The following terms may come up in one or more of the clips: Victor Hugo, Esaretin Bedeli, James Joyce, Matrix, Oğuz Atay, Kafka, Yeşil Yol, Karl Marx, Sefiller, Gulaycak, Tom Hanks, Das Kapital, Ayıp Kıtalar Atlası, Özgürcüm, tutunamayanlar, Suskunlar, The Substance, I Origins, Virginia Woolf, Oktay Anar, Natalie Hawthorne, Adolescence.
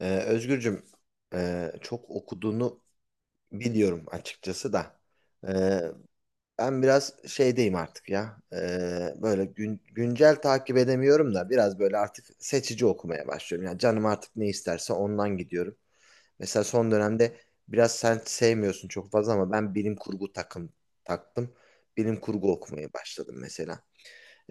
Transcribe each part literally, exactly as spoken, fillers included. Ee, Özgürcüm, e, çok okuduğunu biliyorum açıkçası da. Ee, Ben biraz şeydeyim artık ya. Ee, böyle gün- güncel takip edemiyorum da biraz böyle artık seçici okumaya başlıyorum. Yani canım artık ne isterse ondan gidiyorum. Mesela son dönemde biraz sen sevmiyorsun çok fazla ama ben bilim kurgu takım taktım. Bilim kurgu okumaya başladım mesela.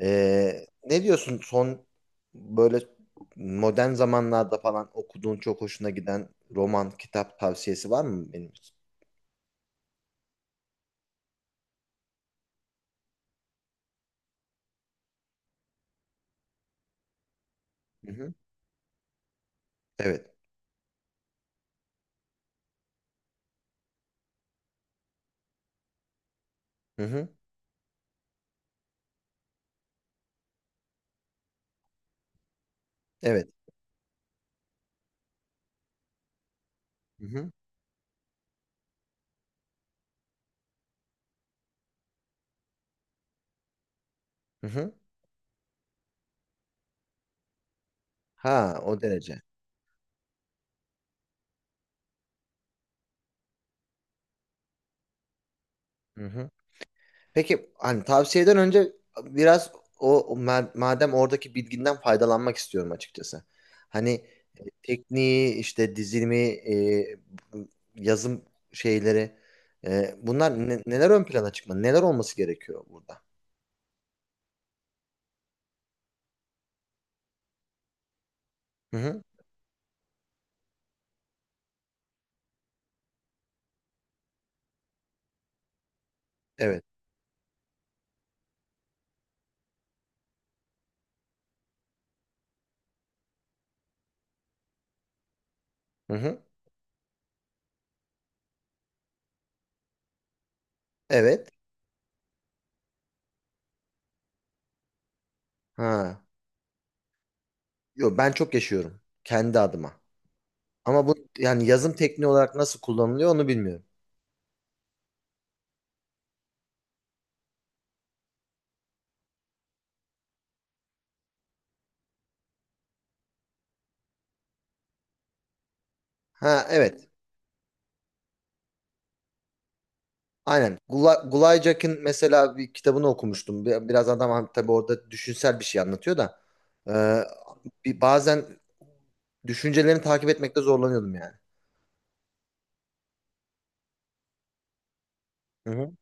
Ee, ne diyorsun son böyle modern zamanlarda falan okuduğun çok hoşuna giden roman, kitap tavsiyesi var mı benim için? Hı hı. Evet. Hı hı. Evet. Hı hı. Hı hı. Ha, o derece. Hı hı. Peki hani tavsiyeden önce biraz o o ma- madem oradaki bilginden faydalanmak istiyorum açıkçası. Hani tekniği işte dizilimi e, yazım şeyleri e, bunlar ne- neler ön plana çıkmalı? Neler olması gerekiyor burada? Hı hı. Evet. Hı hı. Evet. Ha. Yo, ben çok yaşıyorum kendi adıma. Ama bu yani yazım tekniği olarak nasıl kullanılıyor onu bilmiyorum. Ha, evet. Aynen. Gula- Gulaycak'ın mesela bir kitabını okumuştum. Bir- Biraz adam ha- tabii orada düşünsel bir şey anlatıyor da Ee, bir- bazen düşüncelerini takip etmekte zorlanıyordum yani. Hı hı.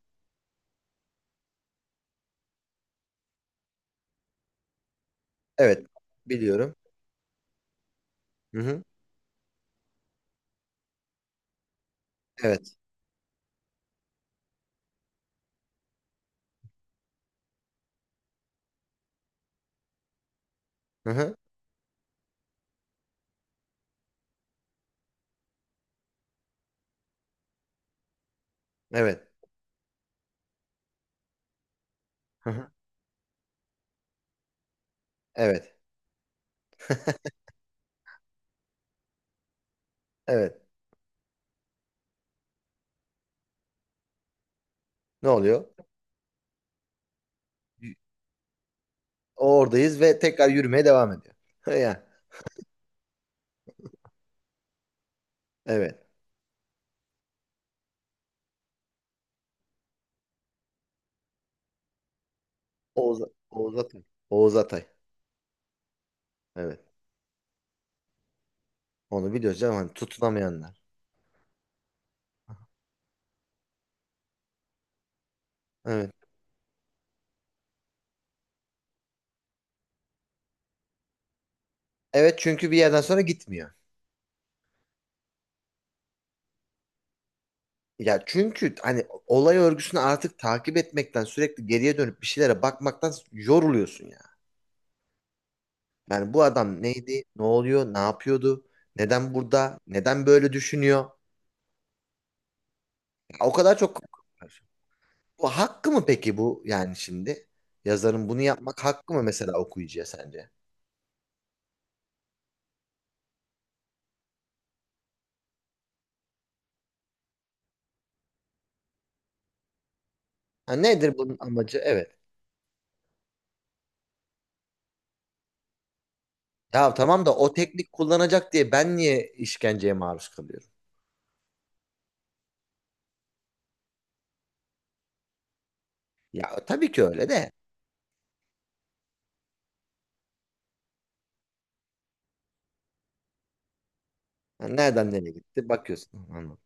Evet. Biliyorum. Hı hı. Evet. Hı hı. Evet. Hı hı. Evet. Evet. Ne oluyor? Oradayız ve tekrar yürümeye devam ediyor. Ya, evet. Oğuz, Oğuz Atay. Oğuz Atay. Evet. Onu biliyoruz canım. Hani tutunamayanlar. Evet. Evet, çünkü bir yerden sonra gitmiyor. Ya çünkü hani olay örgüsünü artık takip etmekten sürekli geriye dönüp bir şeylere bakmaktan yoruluyorsun ya. Yani bu adam neydi? Ne oluyor? Ne yapıyordu? Neden burada? Neden böyle düşünüyor? Ya o kadar çok var. Bu hakkı mı peki bu yani şimdi? Yazarın bunu yapmak hakkı mı mesela okuyucuya sence? Ha, nedir bunun amacı? Evet. Ya tamam da o teknik kullanacak diye ben niye işkenceye maruz kalıyorum? Ya tabii ki öyle de. Ha, nereden nereye gitti? Bakıyorsun. Anladım.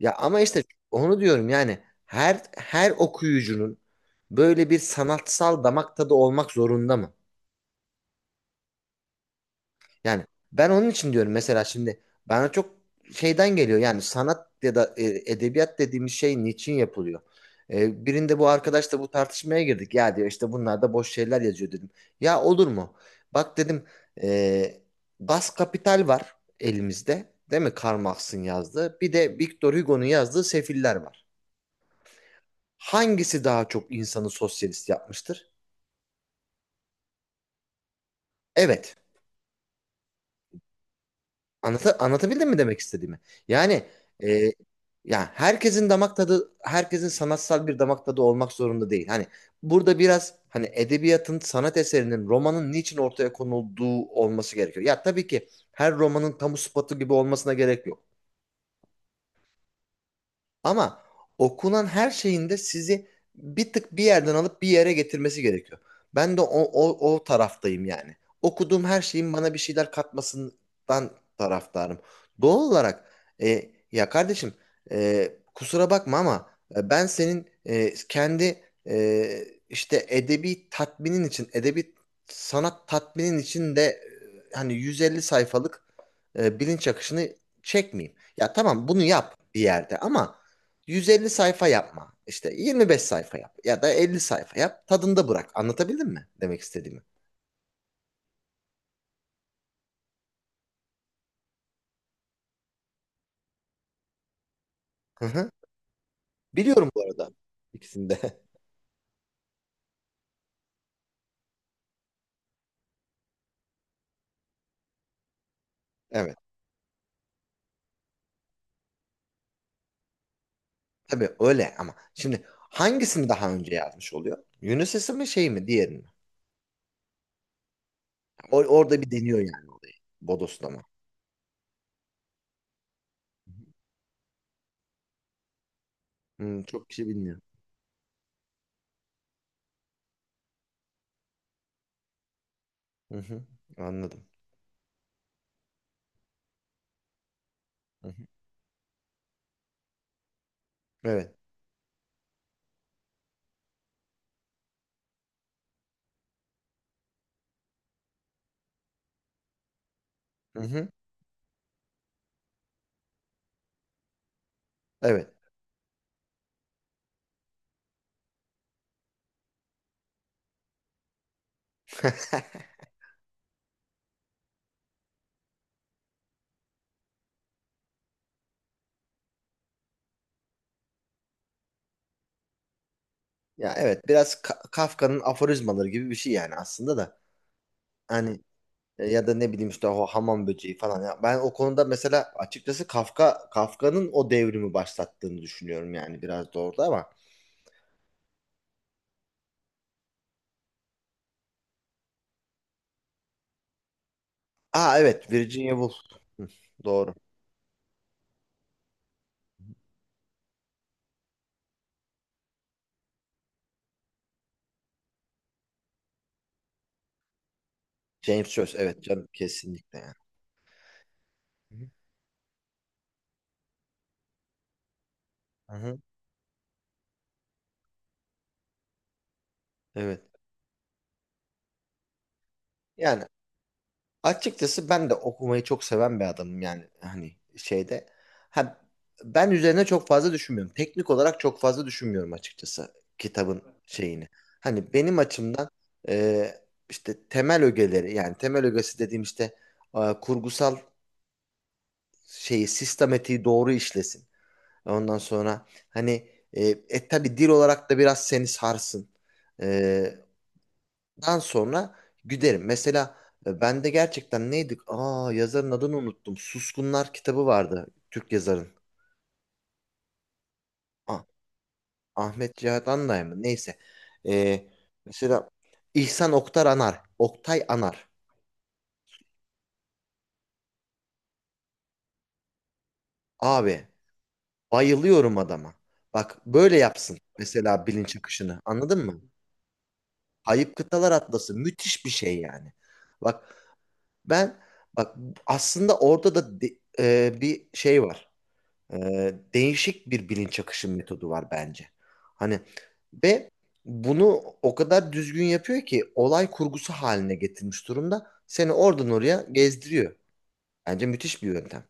Ya ama işte onu diyorum yani her her okuyucunun böyle bir sanatsal damak tadı olmak zorunda mı? Yani ben onun için diyorum mesela şimdi bana çok şeyden geliyor yani sanat ya da e, edebiyat dediğimiz şey niçin yapılıyor? E, birinde bu arkadaşla bu tartışmaya girdik. Ya diyor işte bunlar da boş şeyler yazıyor dedim. Ya olur mu? Bak dedim e, Das Kapital var elimizde. Değil mi? Karl Marx'ın yazdığı. Bir de Victor Hugo'nun yazdığı Sefiller var. Hangisi daha çok insanı sosyalist yapmıştır? Evet. Anlata, anlatabildim mi demek istediğimi? Yani e, ya herkesin damak tadı, herkesin sanatsal bir damak tadı olmak zorunda değil. Hani burada biraz hani edebiyatın, sanat eserinin, romanın niçin ortaya konulduğu olması gerekiyor. Ya tabii ki her romanın kamu spotu gibi olmasına gerek yok. Ama okunan her şeyin de sizi bir tık bir yerden alıp bir yere getirmesi gerekiyor. Ben de o, o, o taraftayım yani. Okuduğum her şeyin bana bir şeyler katmasından taraftarım. Doğal olarak e, ya kardeşim, e, kusura bakma ama e, ben senin e, kendi e, işte edebi tatminin için, edebi sanat tatminin için de e, hani yüz elli sayfalık e, bilinç akışını çekmeyeyim. Ya tamam bunu yap bir yerde ama yüz elli sayfa yapma. İşte yirmi beş sayfa yap ya da elli sayfa yap. Tadında bırak. Anlatabildim mi demek istediğimi? Hı hı. Biliyorum bu arada ikisinde. Evet. Tabii öyle ama şimdi hangisini daha önce yazmış oluyor? Unisys'i mi şey mi diğerini mi? O- orada bir deniyor yani olayı. Bodoslama. Hmm, çok kişi bilmiyor. Hı hı. Anladım. Hı hı. Evet. Hı hı. Evet. Ya evet, biraz Ka- Kafka'nın aforizmaları gibi bir şey yani aslında da. Hani E, ya da ne bileyim işte o hamam böceği falan. Ya ben o konuda mesela açıkçası Kafka Kafka'nın o devrimi başlattığını düşünüyorum yani biraz da orada ama. Aa evet, Virginia Woolf. Hı, doğru. James Joyce, evet canım, kesinlikle yani. Hı hı. Hı hı, evet. Yani açıkçası ben de okumayı çok seven bir adamım yani hani şeyde. Ha, ben üzerine çok fazla düşünmüyorum. Teknik olarak çok fazla düşünmüyorum açıkçası kitabın şeyini. Hani benim açımdan e, işte temel ögeleri yani temel ögesi dediğim işte e, kurgusal şeyi sistematiği doğru işlesin. Ondan sonra hani e, e tabii dil olarak da biraz seni sarsın. E, Dan sonra güderim. Mesela e, ben de gerçekten neydik? Aa, yazarın adını unuttum. Suskunlar kitabı vardı. Türk yazarın. Ah, Ahmet Cihat Anday mı? Neyse. Ee, mesela İhsan Oktar Anar. Oktay Anar. Abi bayılıyorum adama. Bak böyle yapsın mesela bilinç akışını. Anladın mı? Ayıp Kıtalar Atlası müthiş bir şey yani. Bak ben bak aslında orada da de- e, bir şey var. Ee, değişik bir bilinç akışı metodu var bence. Hani ve bunu o kadar düzgün yapıyor ki olay kurgusu haline getirmiş durumda. Seni oradan oraya gezdiriyor. Bence müthiş bir yöntem.